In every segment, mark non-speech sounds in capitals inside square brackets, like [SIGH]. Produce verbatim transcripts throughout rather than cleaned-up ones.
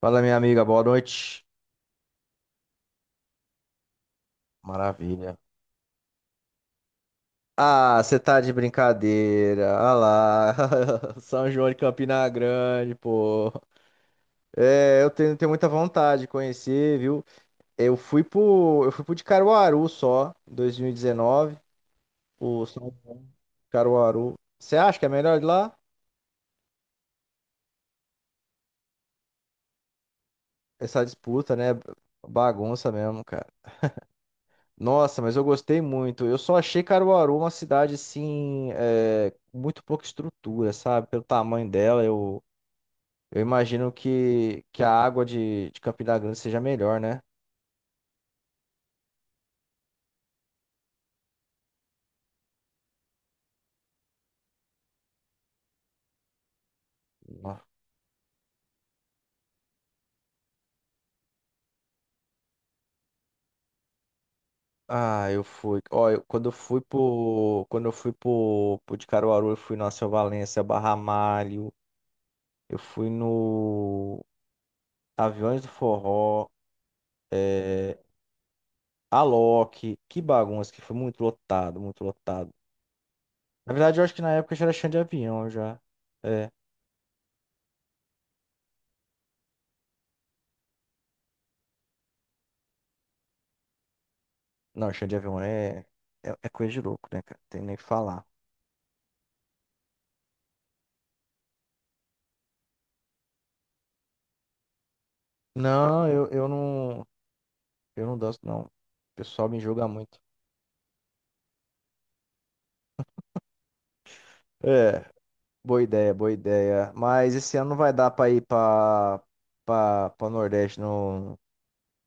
Fala, minha amiga, boa noite. Maravilha. Ah, você tá de brincadeira. Ah lá, [LAUGHS] São João de Campina Grande, pô. É, eu tenho, tenho muita vontade de conhecer, viu? Eu fui pro, eu fui pro de Caruaru só, em dois mil e dezenove, o São João de Caruaru. Você acha que é melhor de lá? Essa disputa, né? Bagunça mesmo, cara. Nossa, mas eu gostei muito. Eu só achei Caruaru uma cidade, assim, é, com muito pouca estrutura, sabe? Pelo tamanho dela, eu... Eu imagino que, que a água de, de Campina Grande seja melhor, né? Ó. Ah, eu fui. Ó, eu- quando eu fui pro. Quando eu fui pro, pro de Caruaru, eu fui no Alceu Valença, Barra Malho, eu fui no Aviões do Forró, é, Alok, que bagunça, que foi muito lotado, muito lotado. Na verdade, eu acho que na época já era chão de avião já. É. Não, chão de avião é, é, é coisa de louco, né, cara? Tem nem o que falar. Não, eu, eu não. Eu não danço, não. O pessoal me julga muito. É, boa ideia, boa ideia. Mas esse ano não vai dar pra ir pra, pra, pra Nordeste no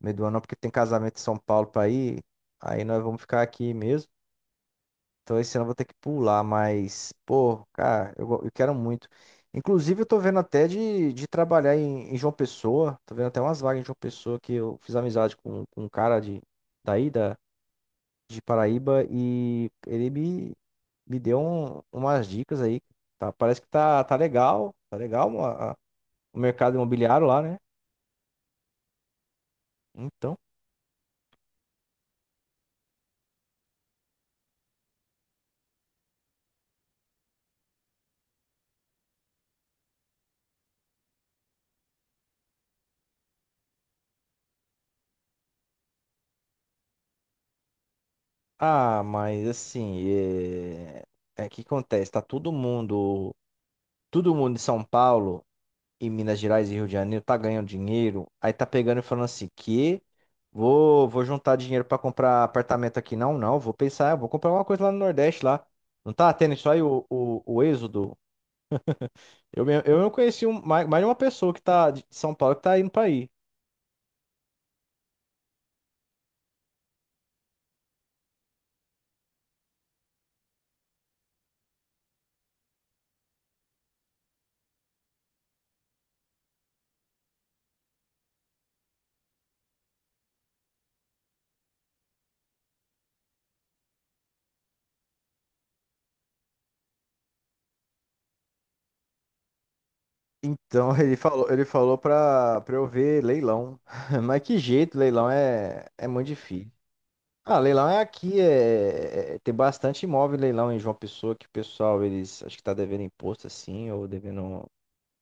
meio do ano, não, porque tem casamento em São Paulo pra ir. Aí nós vamos ficar aqui mesmo. Então esse ano eu vou ter que pular, mas, pô, cara, eu, go- eu quero muito. Inclusive, eu tô vendo até de, de trabalhar em, em João Pessoa. Tô vendo até umas vagas em João Pessoa que eu fiz amizade com, com um cara de, daí, da, de Paraíba, e ele me, me deu um- umas dicas aí. Tá, parece que tá, tá legal, tá legal a- a- o mercado imobiliário lá, né? Então, ah, mas assim, é, é que acontece, tá todo mundo, todo mundo em São Paulo e Minas Gerais e Rio de Janeiro tá ganhando dinheiro, aí tá pegando e falando assim, que vou, vou juntar dinheiro pra comprar apartamento aqui. Não, não, vou pensar, vou comprar uma coisa lá no Nordeste lá. Não tá tendo isso aí o, o, o êxodo? Eu, mesmo- eu mesmo conheci um- mais, mais de uma pessoa que tá de São Paulo que tá indo pra aí. Então [LAUGHS] ele falou, ele falou pra, pra eu ver leilão. [LAUGHS] Mas que jeito, leilão é, é muito difícil. Ah, leilão é aqui, é, é- tem bastante imóvel em leilão em João Pessoa que o pessoal, eles acho que tá devendo imposto assim, ou devendo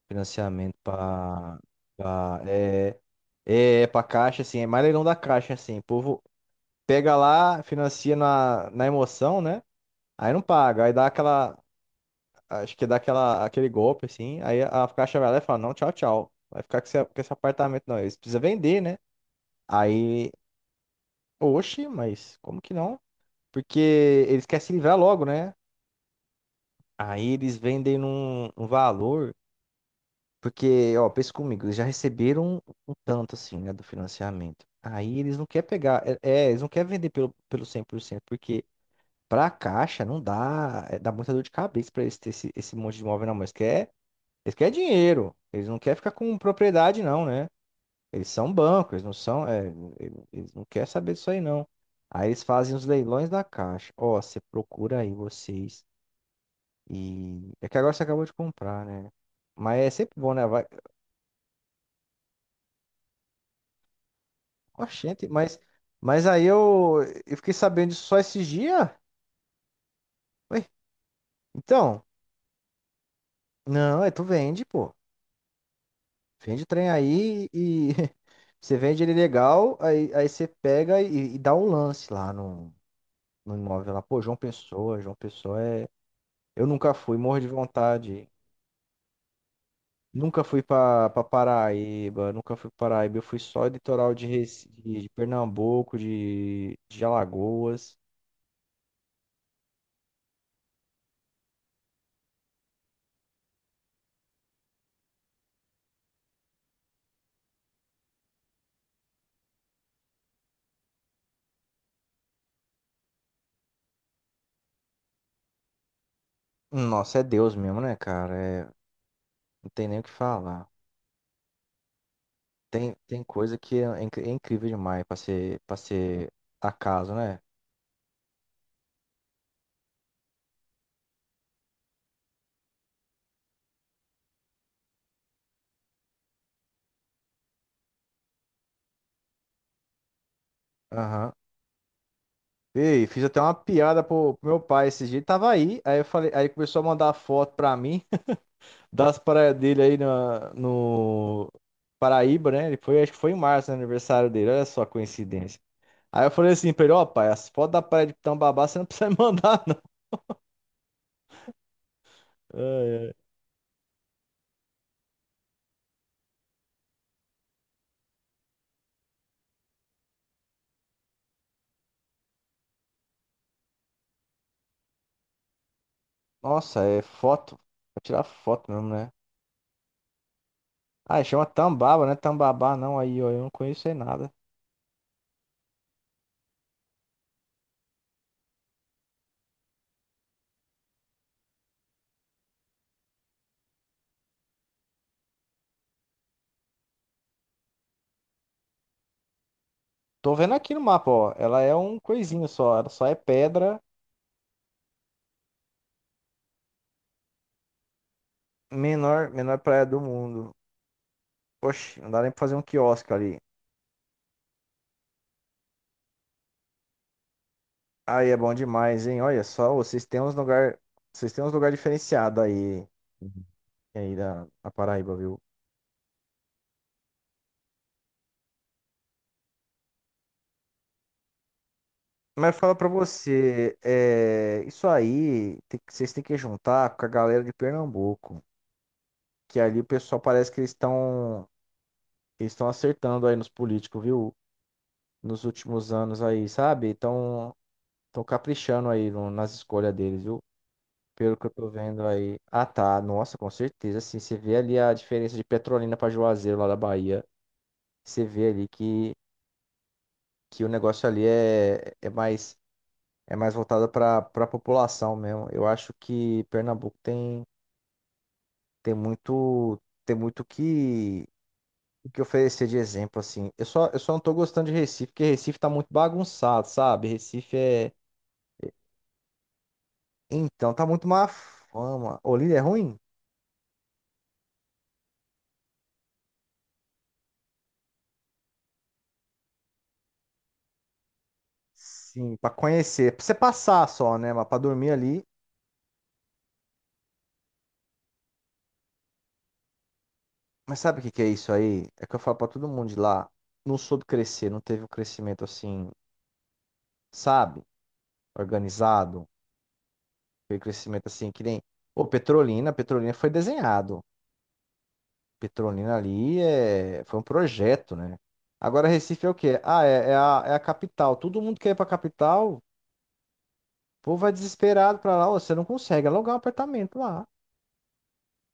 financiamento pra, pra é, é é pra caixa, assim, é mais leilão da caixa, assim. O povo pega lá, financia na, na emoção, né? Aí não paga, aí dá aquela Acho que dá aquela, aquele golpe, assim. Aí a a caixa vai lá e fala, não, tchau, tchau. Vai ficar com esse, com esse apartamento, não. Eles precisam vender, né? Aí, oxe, mas como que não? Porque eles querem se livrar logo, né? Aí eles vendem num, num valor. Porque, ó, pensa comigo, eles já receberam um tanto, assim, né, do financiamento. Aí eles não querem pegar, é, é, eles não querem vender pelo, pelo cem por cento, porque pra caixa não dá, é, dá muita dor de cabeça pra eles ter esse, esse monte de imóvel na mão. Eles querem Eles querem dinheiro. Eles não querem ficar com propriedade, não, né? Eles são banco, eles não são. é, eles não querem saber disso aí, não. Aí eles fazem os leilões da Caixa. Ó, você procura aí vocês. E. É que agora você acabou de comprar, né? Mas é sempre bom, né? Vai... Oxente, mas. Mas aí eu, eu fiquei sabendo disso só esses dias. Ué, então. Não, é tu vende, pô. Vende o trem aí e. [LAUGHS] Você vende ele legal, aí, aí você pega e, e dá um lance lá no. no imóvel lá. Pô, João Pessoa, João Pessoa é. Eu nunca fui, morro de vontade. Nunca fui pra, pra Paraíba, nunca fui pra Paraíba. Eu fui só litoral de, Recife, de Pernambuco, de, de Alagoas. Nossa, é Deus mesmo, né, cara? É, não tem nem o que falar. Tem, tem coisa que é, inc- é incrível demais pra ser, pra ser acaso, né? Aham. Ei, fiz até uma piada pro, pro meu pai esses dias. Ele tava aí, aí eu falei, aí ele começou a mandar foto pra mim. Das praias dele aí na- no Paraíba, né? Ele foi, acho que foi em março, né, aniversário dele. Olha só a coincidência. Aí eu falei assim pra ele, ó, pai, as fotos da praia de Itambabá você não precisa [LAUGHS] me mandar, não. Ai, ai. Nossa, é foto. Pra tirar foto mesmo, né? Ah, chama Tambaba, né? Tambabá não, aí, ó, eu não conheço aí nada. Tô vendo aqui no mapa, ó. Ela é um coisinho só. Ela só é pedra, menor, menor praia do mundo. Poxa, não dá nem pra fazer um quiosque ali. Aí é bom demais, hein? Olha só, vocês têm uns lugar, vocês têm uns lugar diferenciado aí, Uhum. aí da, da Paraíba, viu? Mas fala pra você, é, isso aí, tem que- vocês têm que juntar com a galera de Pernambuco, que ali o pessoal parece que eles estão, eles estão acertando aí nos políticos, viu? Nos últimos anos aí, sabe? Estão, estão caprichando aí no- nas escolhas deles, viu? Pelo que eu tô vendo aí. Ah, tá. Nossa, com certeza. Assim, você vê ali a diferença de Petrolina pra Juazeiro lá da Bahia. Você vê ali que, que o negócio ali é, é mais é mais voltado para a população mesmo. Eu acho que Pernambuco tem, tem muito tem muito que que oferecer de exemplo assim. Eu só eu só não tô gostando de Recife, porque Recife tá muito bagunçado, sabe? Recife é então tá muito má fama. Olinda é ruim? Sim, para conhecer, para você passar só, né, mas para dormir ali. Mas sabe o que que é isso aí? É que eu falo para todo mundo de lá, não soube crescer, não teve um crescimento assim, sabe? Organizado, aquele crescimento assim, que nem. Pô, Petrolina, Petrolina foi desenhado. Petrolina ali é... foi um projeto, né? Agora Recife é o quê? Ah, é, é a, é a capital. Todo mundo quer ir pra capital, o povo vai desesperado pra lá. Ô, você não consegue alugar um apartamento lá.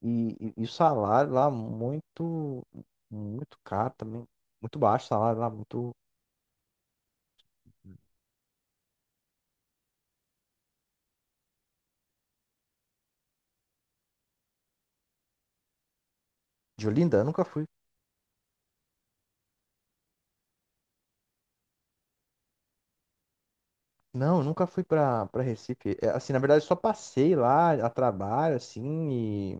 E, e- e o salário lá muito, muito caro também. Muito baixo o salário lá, muito. De Olinda, eu nunca fui. Não, eu nunca fui pra, pra Recife. É, assim, na verdade, eu só passei lá a trabalho, assim,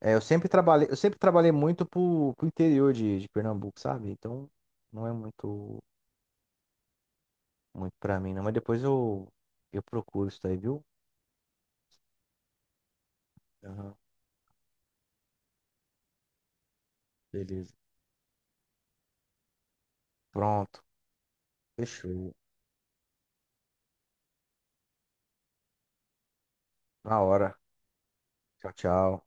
É, eu sempre trabalhei, eu sempre trabalhei muito pro, pro interior de, de Pernambuco, sabe? Então não é muito, muito pra mim, não. Mas depois eu, eu procuro isso daí, viu? Aham, beleza. Pronto. Fechou. Na hora. Tchau, tchau.